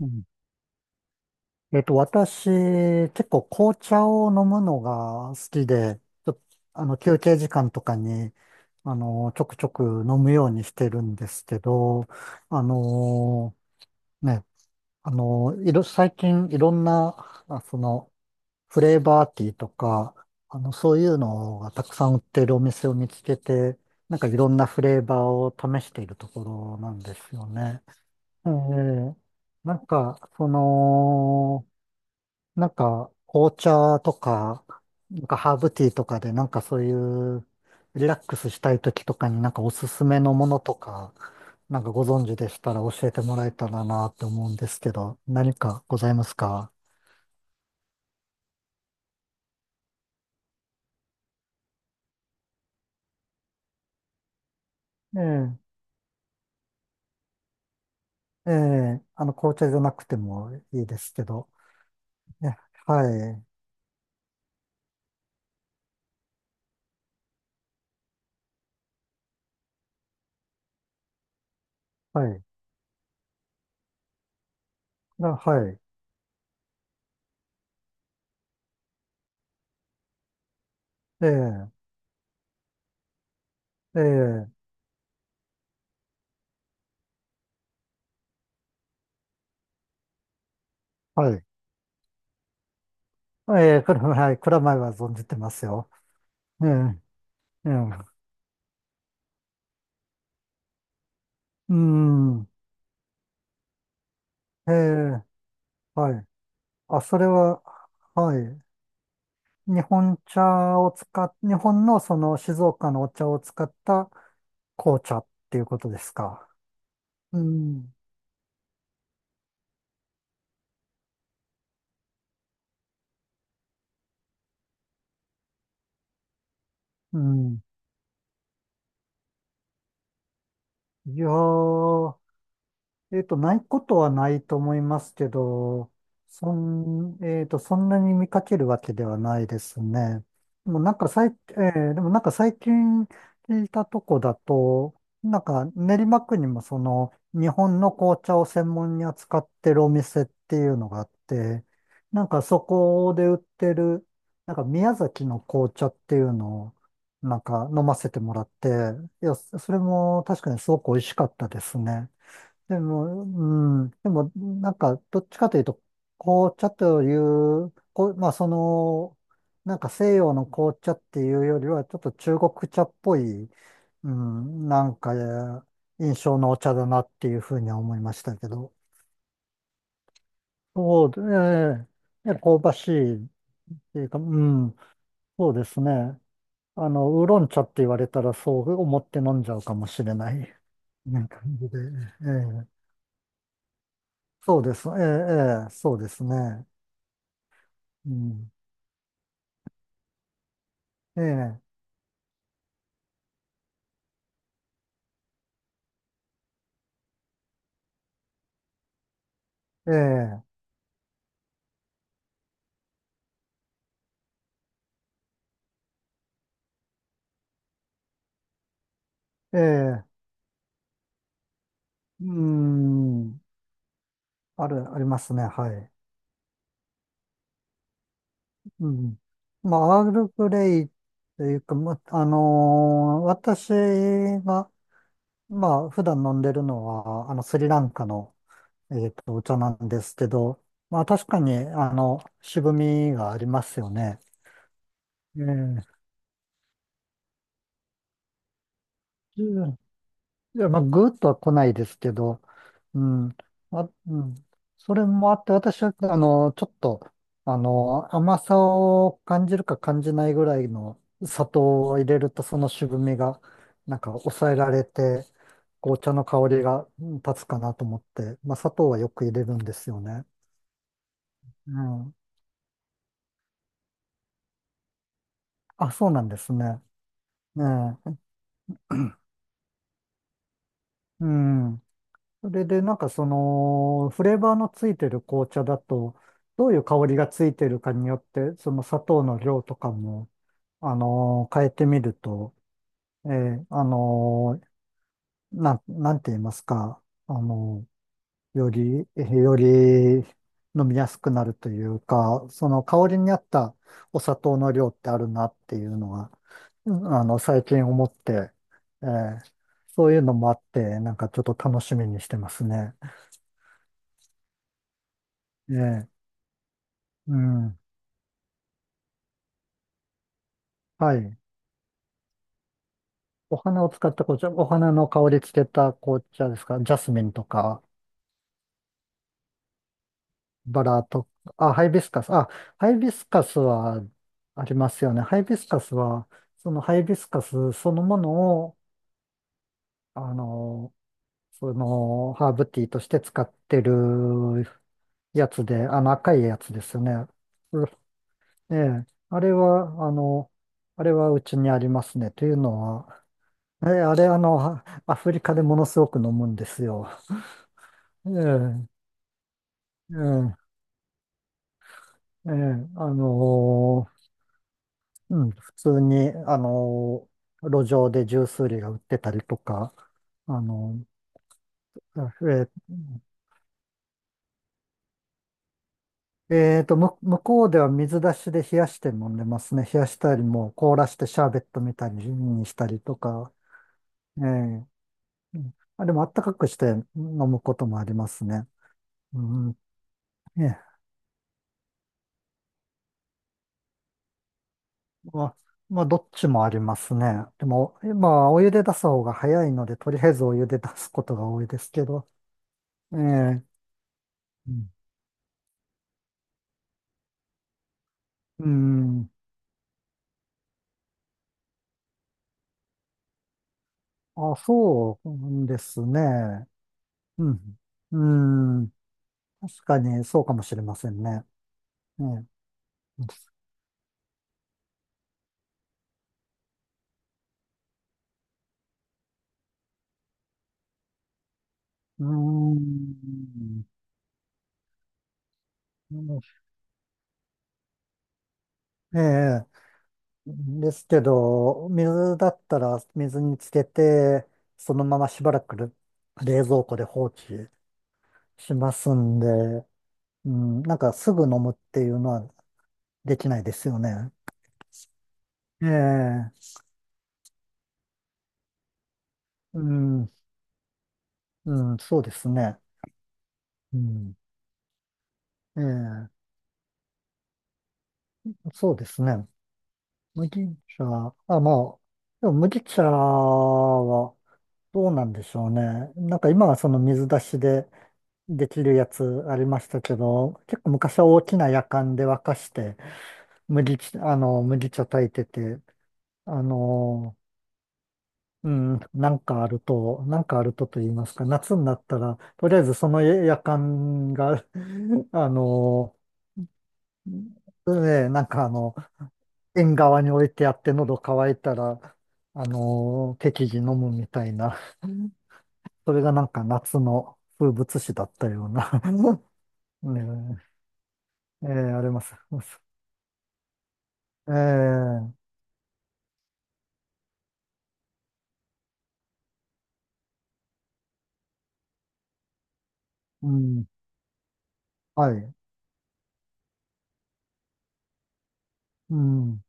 うん。私、結構紅茶を飲むのが好きで、ちょ、あの、休憩時間とかに、ちょくちょく飲むようにしてるんですけど、あのね、あのいろ、最近いろんな、あ、その、フレーバーティーとか、そういうのがたくさん売ってるお店を見つけて、なんかいろんなフレーバーを試しているところなんですよね。えーなんか、紅茶とか、なんかハーブティーとかで、なんかそういうリラックスしたい時とかになんかおすすめのものとか、なんかご存知でしたら教えてもらえたらなって思うんですけど、何かございますか？ええ、ええ、紅茶じゃなくてもいいですけど。えはい、はい、あはい、ええ、ええ、はい、ええ、はい、蔵前は存じてますよ。ええ、ええ、うん、ええ、はい。あ、それは、はい。日本茶を使っ、日本のその静岡のお茶を使った紅茶っていうことですか？うん。うん。いやーないことはないと思いますけど、そん、えっと、そんなに見かけるわけではないですね。でもなんか最近聞いたとこだと、なんか練馬区にもその日本の紅茶を専門に扱ってるお店っていうのがあって、なんかそこで売ってる、なんか宮崎の紅茶っていうのをなんか飲ませてもらって、いや、それも確かにすごく美味しかったですね。でも、うん、でも、なんか、どっちかというと、紅茶という、こう、まあ、その、なんか西洋の紅茶っていうよりは、ちょっと中国茶っぽい、うん、なんか、印象のお茶だなっていうふうには思いましたけど。そうで、ええね香ばしいっていうか、うん、そうですね。ウーロン茶って言われたら、そう思って飲んじゃうかもしれない、なんか感じで。ええそうです。ええ、ええそうですね。うん。ええ、ええ、ええ、うーん。ありますね。はい。うん。まあ、アールグレイというか、ま、あのー私が、まあ、普段飲んでるのは、スリランカの、お茶なんですけど、まあ、確かに、渋みがありますよね。ええ、いや、まあ、ぐーっとは来ないですけど、うん。あ、うん。それもあって、私は、あの、ちょっと、あの、甘さを感じるか感じないぐらいの砂糖を入れると、その渋みが、なんか抑えられて、紅茶の香りが立つかなと思って、まあ、砂糖はよく入れるんですよね。うん。あ、そうなんですね。ねえ。うん。それで、フレーバーのついてる紅茶だと、どういう香りがついてるかによって、その砂糖の量とかも、変えてみると、えーあのなんて言いますか、あのーより、より飲みやすくなるというか、その香りに合ったお砂糖の量ってあるなっていうのが、最近思って、えーそういうのもあって、なんかちょっと楽しみにしてますね。ええうん。はい。お花を使った紅茶、お花の香りつけた紅茶ですか？ジャスミンとか、バラとか、あ、ハイビスカス。あ、ハイビスカスはありますよね。ハイビスカスは、そのハイビスカスそのものを、あの、ハーブティーとして使ってるやつで、あの赤いやつですよね。うええ、あれは、あれはうちにありますね。というのは、えあれ、あの、アフリカでものすごく飲むんですよ。ええ、ええ、ええ、あのーうん、普通に、路上でジュース売りが売ってたりとか、あのー向こうでは水出しで冷やして飲んでますね。冷やしたりも、凍らしてシャーベットみたいにしたりとか、ええ、うんあ、でもあったかくして飲むこともありますね。うん、ええまあ、まあ、どっちもありますね。でも、今お湯で出す方が早いので、とりあえずお湯で出すことが多いですけど。ええうん。うんあ、そうですね。うん。うん。確かにそうかもしれませんね。ええ、うん。ええ。ですけど、水だったら水につけて、そのまましばらく冷蔵庫で放置しますんで、うん、なんかすぐ飲むっていうのはできないですよね。ええ、うん、うん、そうですね。うん、ええ、そうですね。麦茶、あ、まあ、でも麦茶はどうなんでしょうね。なんか今はその水出しでできるやつありましたけど、結構昔は大きなやかんで沸かして、麦茶炊いてて、あの、うん、なんかあるとと言いますか、夏になったら、とりあえずその夜間が、あの、ね、なんかあの、縁側に置いてあって喉乾いたら、適宜飲むみたいな、それがなんか夏の風物詩だったような、ねえ、ええあります。ええうん、はい、うん、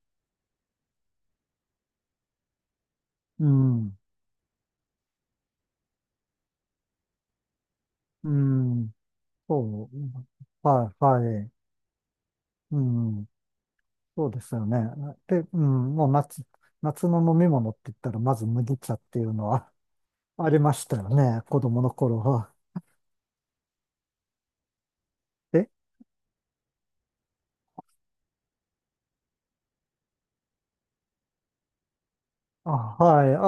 うん、うん、そう、はい、はい、うん。そうですよね。で、うん、もう夏の飲み物って言ったら、まず麦茶っていうのは ありましたよね、子供の頃は。えあ、はい、あ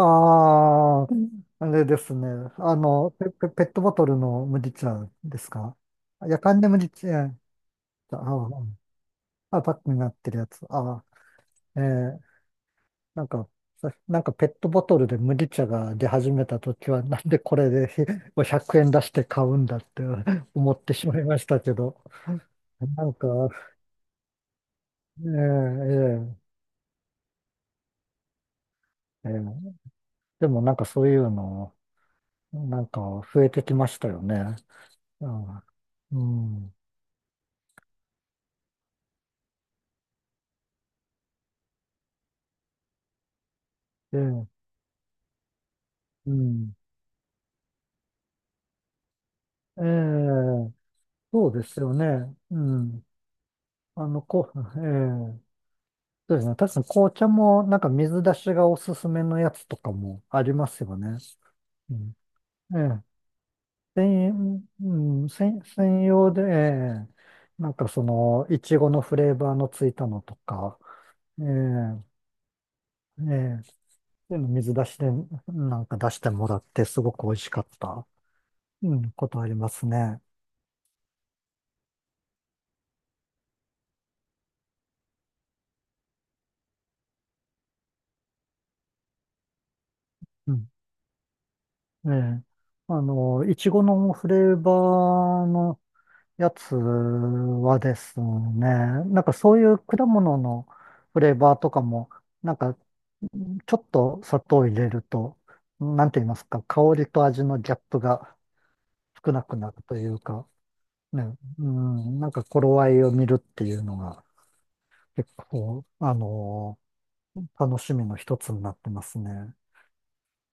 ーうんあ、れですね。ペットボトルの麦茶ですか？やかんで麦茶、あ、うんパックになってるやつ。ー、えーなんか、なんかペットボトルで麦茶が出始めた時は、なんでこれで100円出して買うんだって 思ってしまいましたけど。なんか、ええええええでもなんかそういうの、なんか増えてきましたよね。うん。うん。ええうん。ええそうですよね。うん。あの、こう、ええそうですね。確かに紅茶もなんか水出しがおすすめのやつとかもありますよね。うん。ええ専、うん、専、専用で、ええいちごのフレーバーのついたのとか、ええええ。でも水出しで、なんか出してもらって、すごく美味しかった、うん、ことありますね。うん。ええ。あの、いちごのフレーバーのやつはですね、なんかそういう果物のフレーバーとかも、なんかちょっと砂糖を入れると、なんて言いますか、香りと味のギャップが少なくなるというか、ね、うん、なんか頃合いを見るっていうのが結構、あの楽しみの一つになってますね。